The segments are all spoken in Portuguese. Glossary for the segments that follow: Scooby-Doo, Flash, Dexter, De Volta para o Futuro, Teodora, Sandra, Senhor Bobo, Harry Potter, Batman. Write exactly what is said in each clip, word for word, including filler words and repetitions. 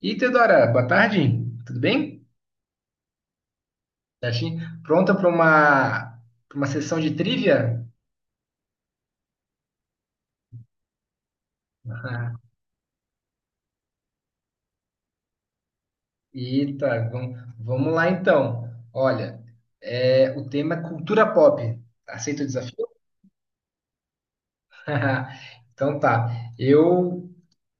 E Teodora, boa tarde, tudo bem? Certinho? Pronta para uma, pra uma sessão de trivia? Ah, Eita, vamos, vamos lá então. Olha, é, o tema é cultura pop. Aceita o desafio? Então tá. Eu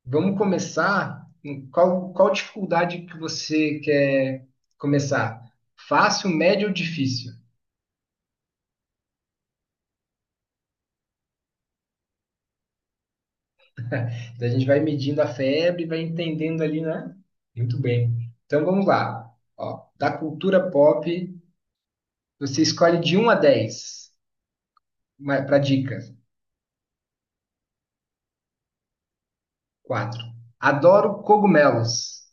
Vamos começar. em Qual, qual dificuldade que você quer começar? Fácil, médio ou difícil? Então a gente vai medindo a febre, vai entendendo ali, né? Muito bem. Então vamos lá. Ó, da cultura pop, você escolhe de um a dez, para dica. Quatro. Adoro cogumelos.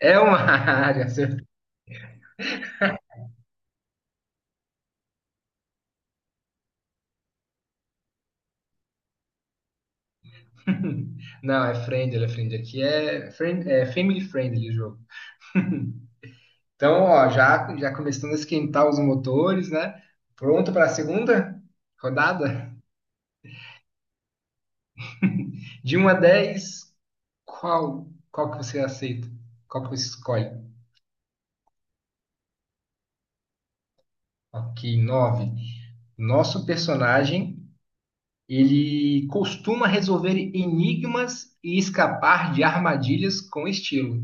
É uma área, certo? Não, é friendly, é friendly. Aqui é, friend, é family friendly o jogo. Então, ó, já, já começando a esquentar os motores, né? Pronto para a segunda rodada? De um a dez, qual, qual que você aceita? Qual que você escolhe? Ok, nove. Nosso personagem, ele costuma resolver enigmas e escapar de armadilhas com estilo.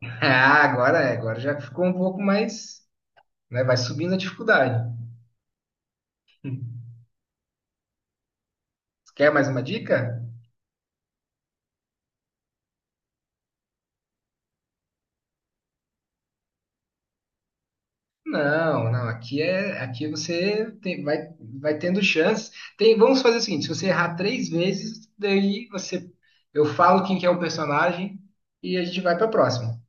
Ah, agora é, agora já ficou um pouco mais, né? Vai subindo a dificuldade. Quer mais uma dica? Não, não, aqui é, aqui você tem- vai, vai tendo chances. Tem, vamos fazer o seguinte, se você errar três vezes, daí você, eu falo quem que é o personagem e a gente vai para a próxima.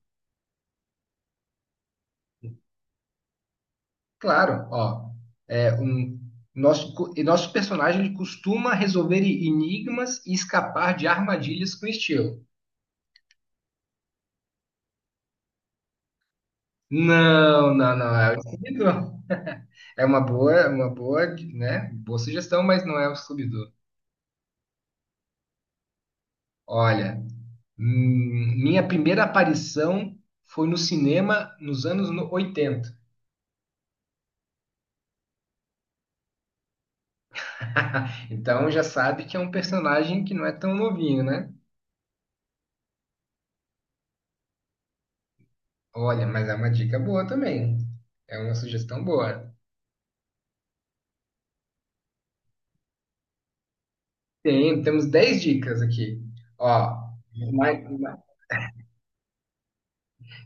Claro, ó, é um nosso co- e nosso personagem ele costuma resolver enigmas e escapar de armadilhas com estilo. Não, não, não, é o Scooby-Doo. É uma boa, uma boa, né? Boa sugestão, mas não é o Scooby-Doo. Olha, Hum, minha primeira aparição foi no cinema nos anos no- oitenta. Então já sabe que é um personagem que não é tão novinho, né? Olha, mas é uma dica boa também. É uma sugestão boa. Tem, temos dez dicas aqui. Ó, mais- mais-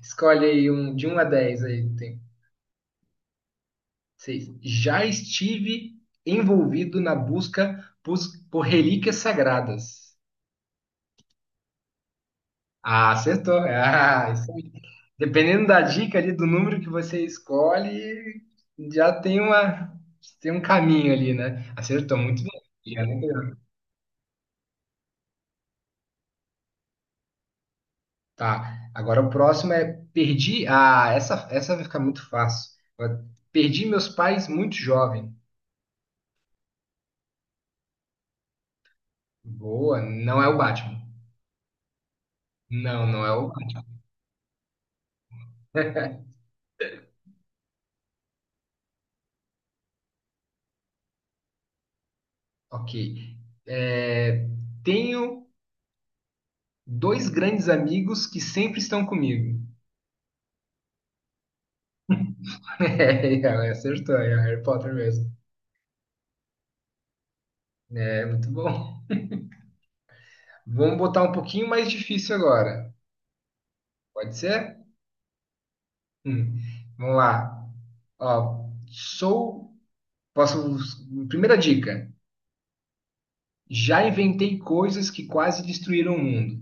escolhe aí um de um a dez aí. Tem seis. Já estive envolvido na busca pus- por relíquias sagradas. Ah, acertou. Ah, isso. Dependendo da dica ali, do número que você escolhe, já tem uma, tem um caminho ali, né? Acertou muito bem. Já não Tá. Agora o próximo é perdi. Ah, essa, essa vai ficar muito fácil. Perdi meus pais muito jovem. Boa, não é o Batman. Não, não é o. Batman. Ok. É, tenho dois grandes amigos que sempre estão comigo. É, acertou, é Harry Potter mesmo. É, muito bom. Vamos botar um pouquinho mais difícil agora. Pode ser? Hum, Vamos lá. Ó, sou. Posso. Primeira dica. Já inventei coisas que quase destruíram o mundo.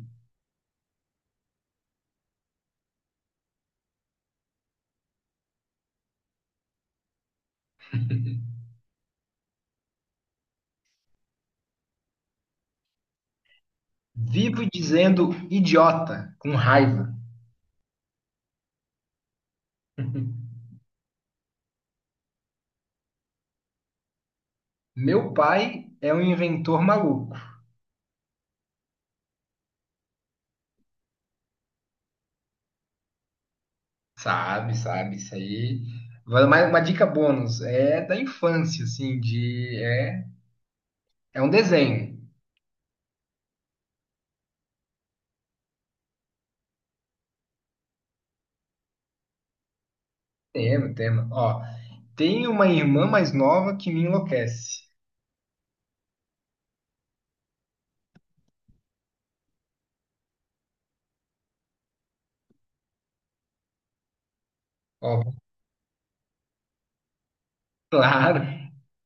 Vivo dizendo idiota, com raiva. Meu pai é um inventor maluco. Sabe, sabe, isso aí. Vai Mais uma dica bônus. É da infância, assim, de. É, é um desenho. Tema, tema. Ó, tem uma irmã mais nova que me enlouquece. Ó, claro.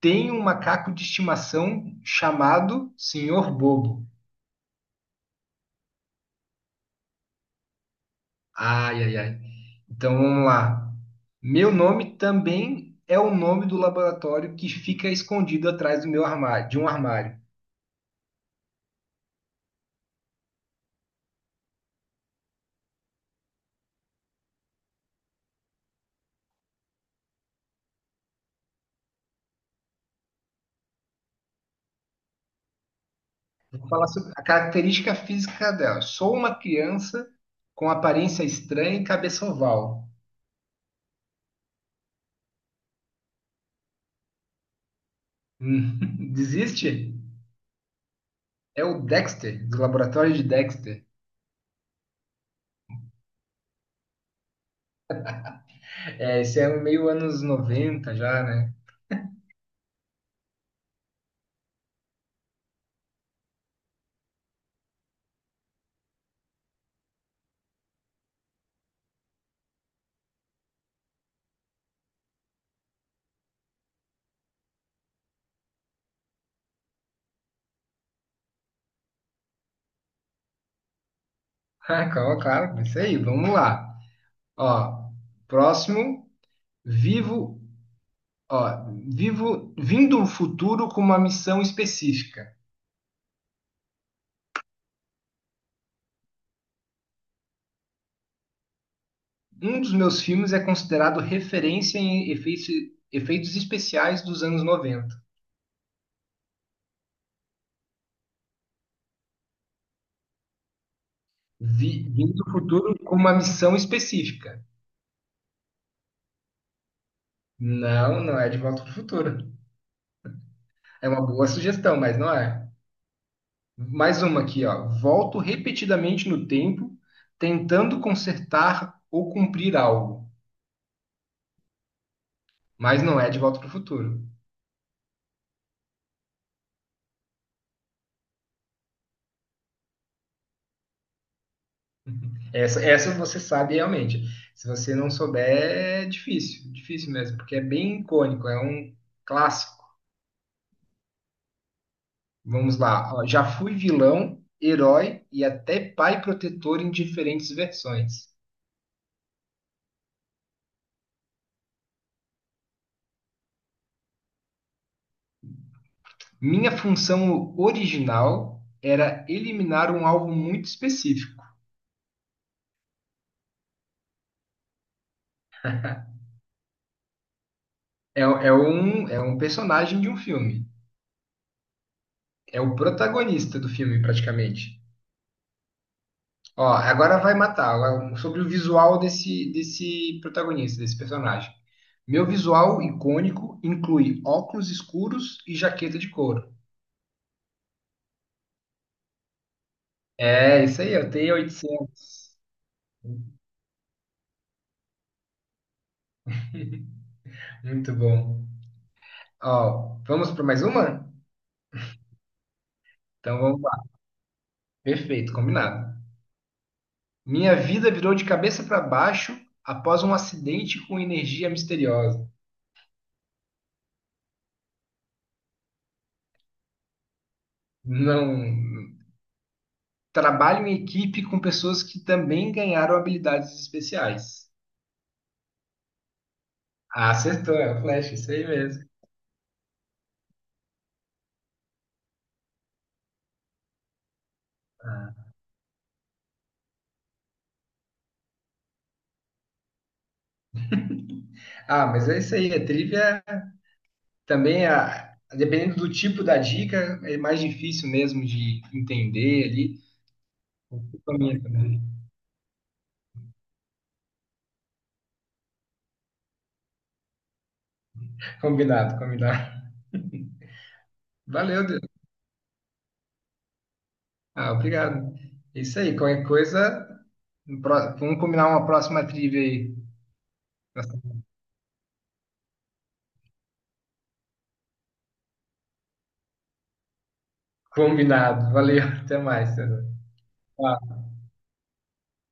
Tem um macaco de estimação chamado Senhor Bobo. Ai, ai, ai. Então vamos lá. Meu nome também é o nome do laboratório que fica escondido atrás do meu armário, de um armário. Vou falar sobre a característica física dela. Sou uma criança com aparência estranha e cabeça oval. Hum, desiste? É o Dexter, do laboratório de Dexter. É, esse é um meio anos noventa já, né? Ah, claro, claro, é isso aí, vamos lá. Ó, próximo, vivo, ó, vivo, vindo o futuro com uma missão específica. Um dos meus filmes é considerado referência em efeitos, efeitos especiais dos anos noventa. Vi- vindo do futuro com uma missão específica. Não, não é de Volta para o Futuro. É uma boa sugestão, mas não é. Mais uma aqui, ó. Volto repetidamente no tempo, tentando consertar ou cumprir algo. Mas não é De Volta para o Futuro. Essa, essa você sabe realmente. Se você não souber, é difícil, difícil mesmo, porque é bem icônico, é um clássico. Vamos lá. Ó, já fui vilão, herói e até pai protetor em diferentes versões. Minha função original era eliminar um alvo muito específico. É, é um, é um personagem de um filme. É o protagonista do filme, praticamente. Ó, agora vai matar. Agora, sobre o visual desse, desse protagonista, desse personagem. Meu visual icônico inclui óculos escuros e jaqueta de couro. É, isso aí, eu tenho oitocentos. Muito bom. Ó, vamos para mais uma? Então vamos lá. Perfeito, combinado. Minha vida virou de cabeça para baixo após um acidente com energia misteriosa. Não. Trabalho em equipe com pessoas que também ganharam habilidades especiais. Ah, acertou, é o Flash, isso aí mesmo. Ah, mas é isso aí. A trivia também, a, dependendo do tipo da dica, é mais difícil mesmo de entender ali. Combinado, também. Combinado. combinado. Valeu, Deus. Ah, obrigado. É isso aí. Qualquer coisa, no pró- vamos combinar uma próxima trivia aí. Combinado. Valeu. Até mais. Sandra.